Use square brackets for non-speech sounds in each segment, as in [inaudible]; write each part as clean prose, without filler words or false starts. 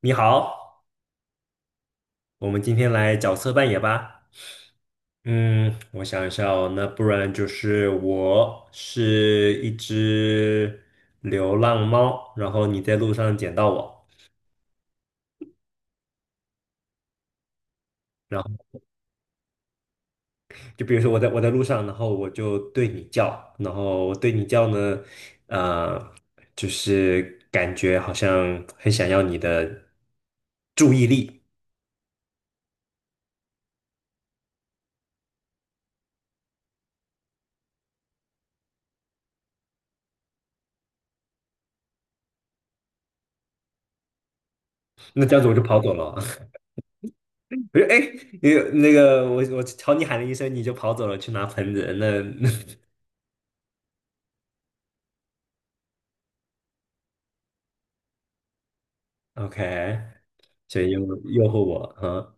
你好，我们今天来角色扮演吧。嗯，我想一下哦，那不然就是我是一只流浪猫，然后你在路上捡到我，然后就比如说我在路上，然后我就对你叫，然后我对你叫呢，呃，就是感觉好像很想要你的注意力，那这样子我就跑走了。[laughs] 我就哎，诶那个我朝你喊了一声，你就跑走了去拿盆子，那 [laughs] OK，所以诱惑我，啊，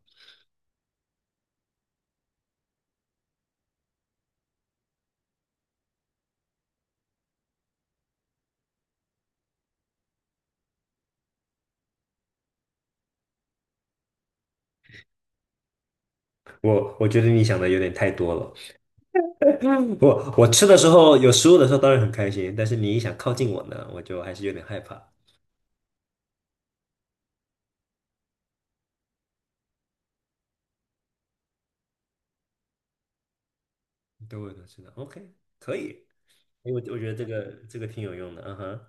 我觉得你想的有点太多了。[laughs] 我吃的时候有食物的时候当然很开心，但是你一想靠近我呢，我就还是有点害怕。对，我都知道。OK，可以，因为我觉得这个挺有用的，嗯哼，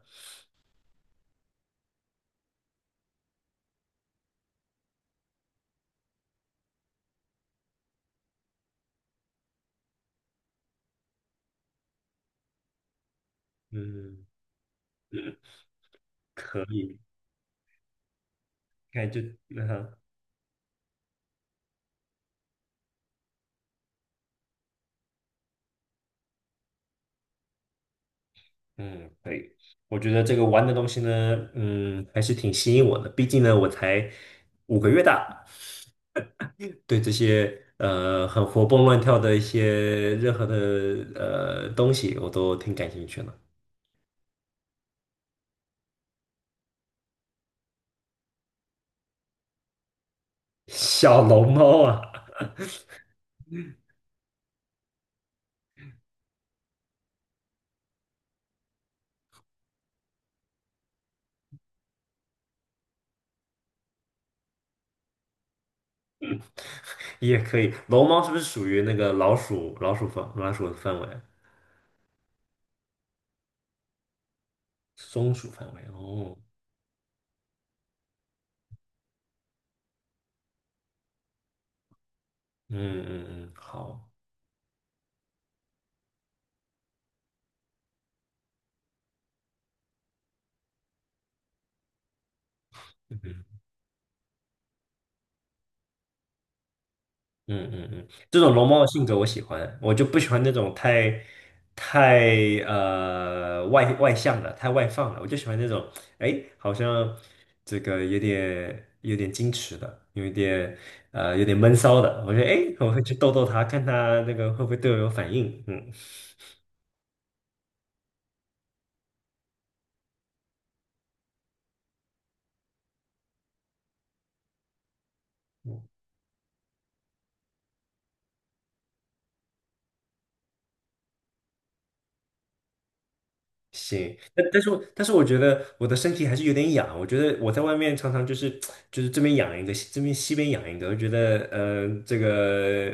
嗯，[coughs] 可以，看就嗯哼，嗯，可以。我觉得这个玩的东西呢，嗯，还是挺吸引我的，毕竟呢，我才5个月大。对这些很活蹦乱跳的一些任何的东西，我都挺感兴趣的。小龙猫啊，也可以。龙猫是不是属于那个老鼠的范围？松鼠范围哦，嗯嗯嗯，好。嗯嗯嗯嗯，这种龙猫的性格我喜欢，我就不喜欢那种太外向的，太外放了，我就喜欢那种哎，好像这个有点矜持的，有一点有点闷骚的，我觉得哎，我会去逗逗他，看他那个会不会对我有反应，嗯。行，但是我觉得我的身体还是有点痒，我觉得我在外面常常就是这边痒一个，这边西边痒一个，我觉得这个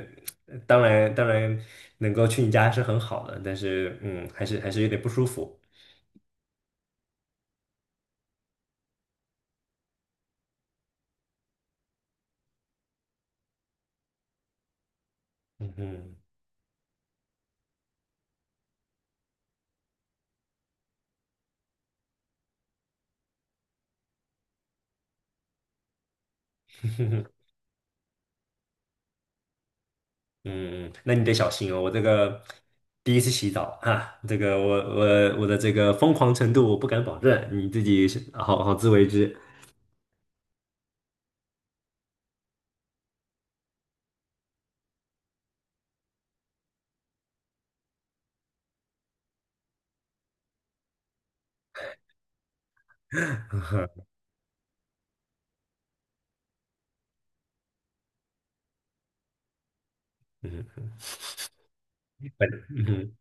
当然能够去你家是很好的，但是嗯还是有点不舒服，嗯嗯嗯 [laughs] 嗯，那你得小心哦，我这个第一次洗澡啊，这个我的这个疯狂程度我不敢保证，你自己是好好自为之，[laughs] 嗯嗯嗯，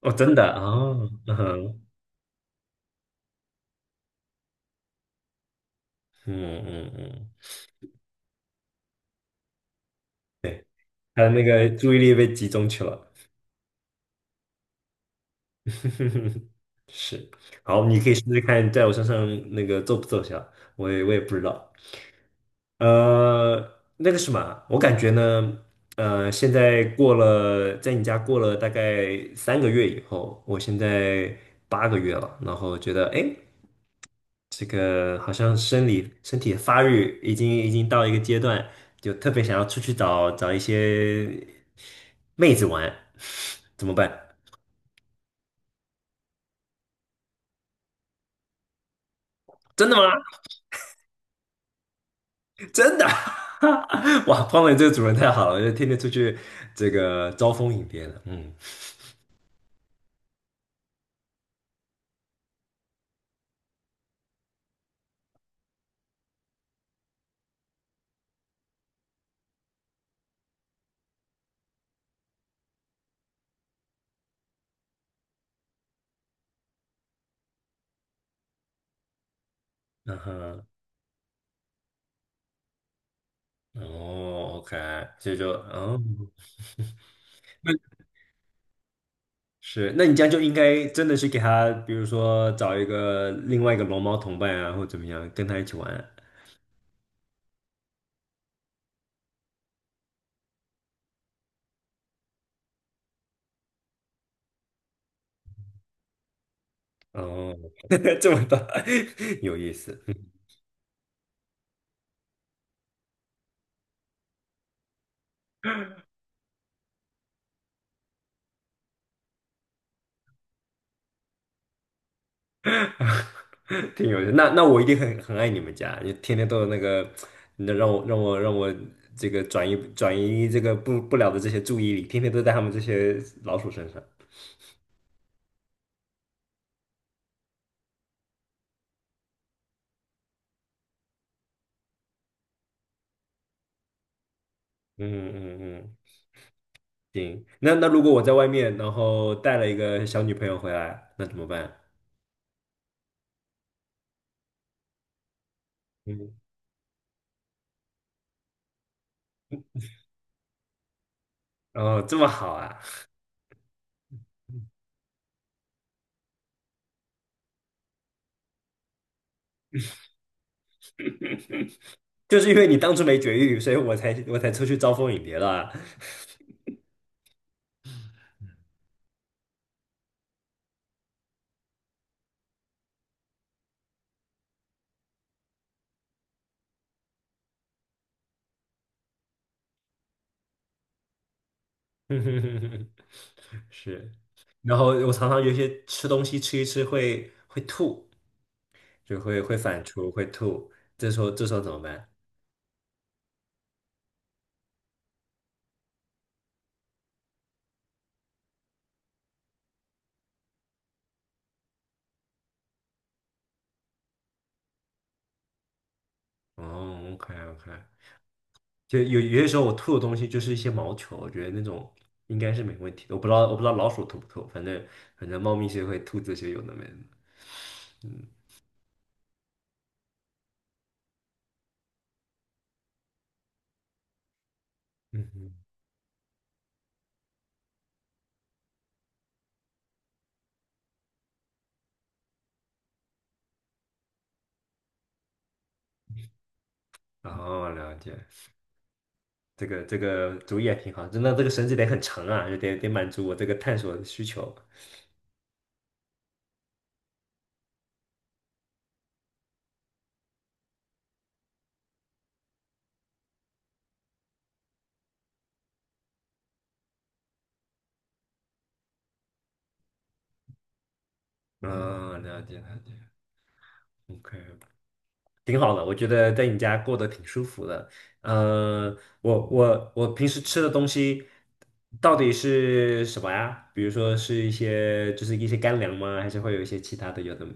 哦真的哦。嗯哼嗯嗯嗯，他的那个注意力被集中去了，[laughs] 是。好，你可以试试看，在我身上那个奏不奏效，我也不知道。呃，那个什么啊，我感觉呢，现在过了，在你家过了大概3个月以后，我现在8个月了，然后觉得，哎，这个好像生理身体的发育已经到一个阶段，就特别想要出去找找一些妹子玩，怎么办？真的吗？[laughs] 真的？[laughs] 哇，胖伟这个主人太好了，就天天出去这个招蜂引蝶的，嗯，嗯哼，哦，OK，所以就，哦，[laughs] 那是，那你这样就应该真的是给他，比如说找一个另外一个龙猫同伴啊，或怎么样，跟他一起玩。哦，[laughs] 这么大，[laughs] 有意思，[laughs] 挺有意思。那那我一定很很爱你们家，你天天都有那个，那让我这个转移这个不了的这些注意力，天天都在他们这些老鼠身上。嗯嗯嗯，行。那那如果我在外面，然后带了一个小女朋友回来，那怎么办？嗯，哦，这么好啊，[laughs] 就是因为你当初没绝育，所以我才出去招蜂引蝶了啊。[laughs] 是，然后我常常有一些吃东西吃一吃会吐，就会反刍会吐，这时候怎么办？哦，OK OK，就有些时候我吐的东西就是一些毛球，我觉得那种应该是没问题的。我不知道老鼠吐不吐，反正猫咪是会吐这些有的没的。嗯嗯哼，哦，了解，这个主意也挺好，真的这个绳子得很长啊，就得满足我这个探索的需求。嗯，了解了解，OK。挺好的，我觉得在你家过得挺舒服的。嗯，我平时吃的东西到底是什么呀？比如说是一些就是一些干粮吗？还是会有一些其他的有的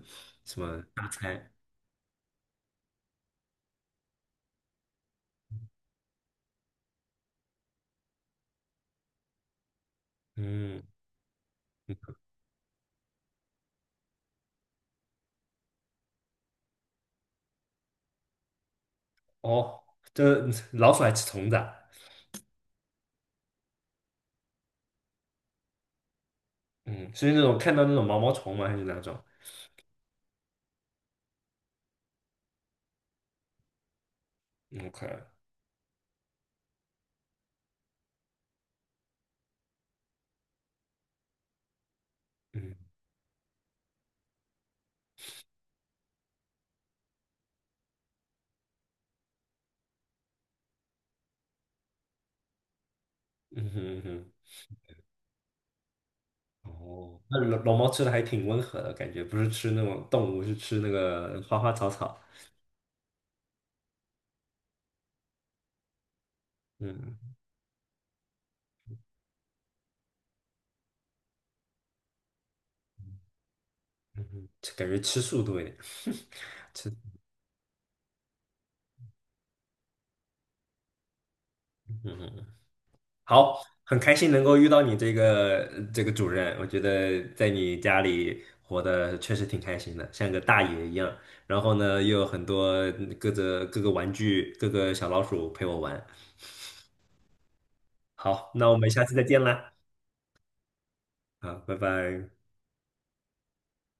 什么大餐？嗯，哦，这老鼠爱吃虫子啊嗯，是那种看到那种毛毛虫吗？还是哪种？OK，嗯嗯哼嗯哼，哦，那老老猫吃的还挺温和的感觉，不是吃那种动物，是吃那个花花草草。嗯。嗯哼，这感觉吃素多一点，[laughs] 吃，嗯哼，好，很开心能够遇到你这个这个主任，我觉得在你家里活得确实挺开心的，像个大爷一样。然后呢，又有很多各个玩具、各个小老鼠陪我玩。好，那我们下次再见啦，好，拜拜。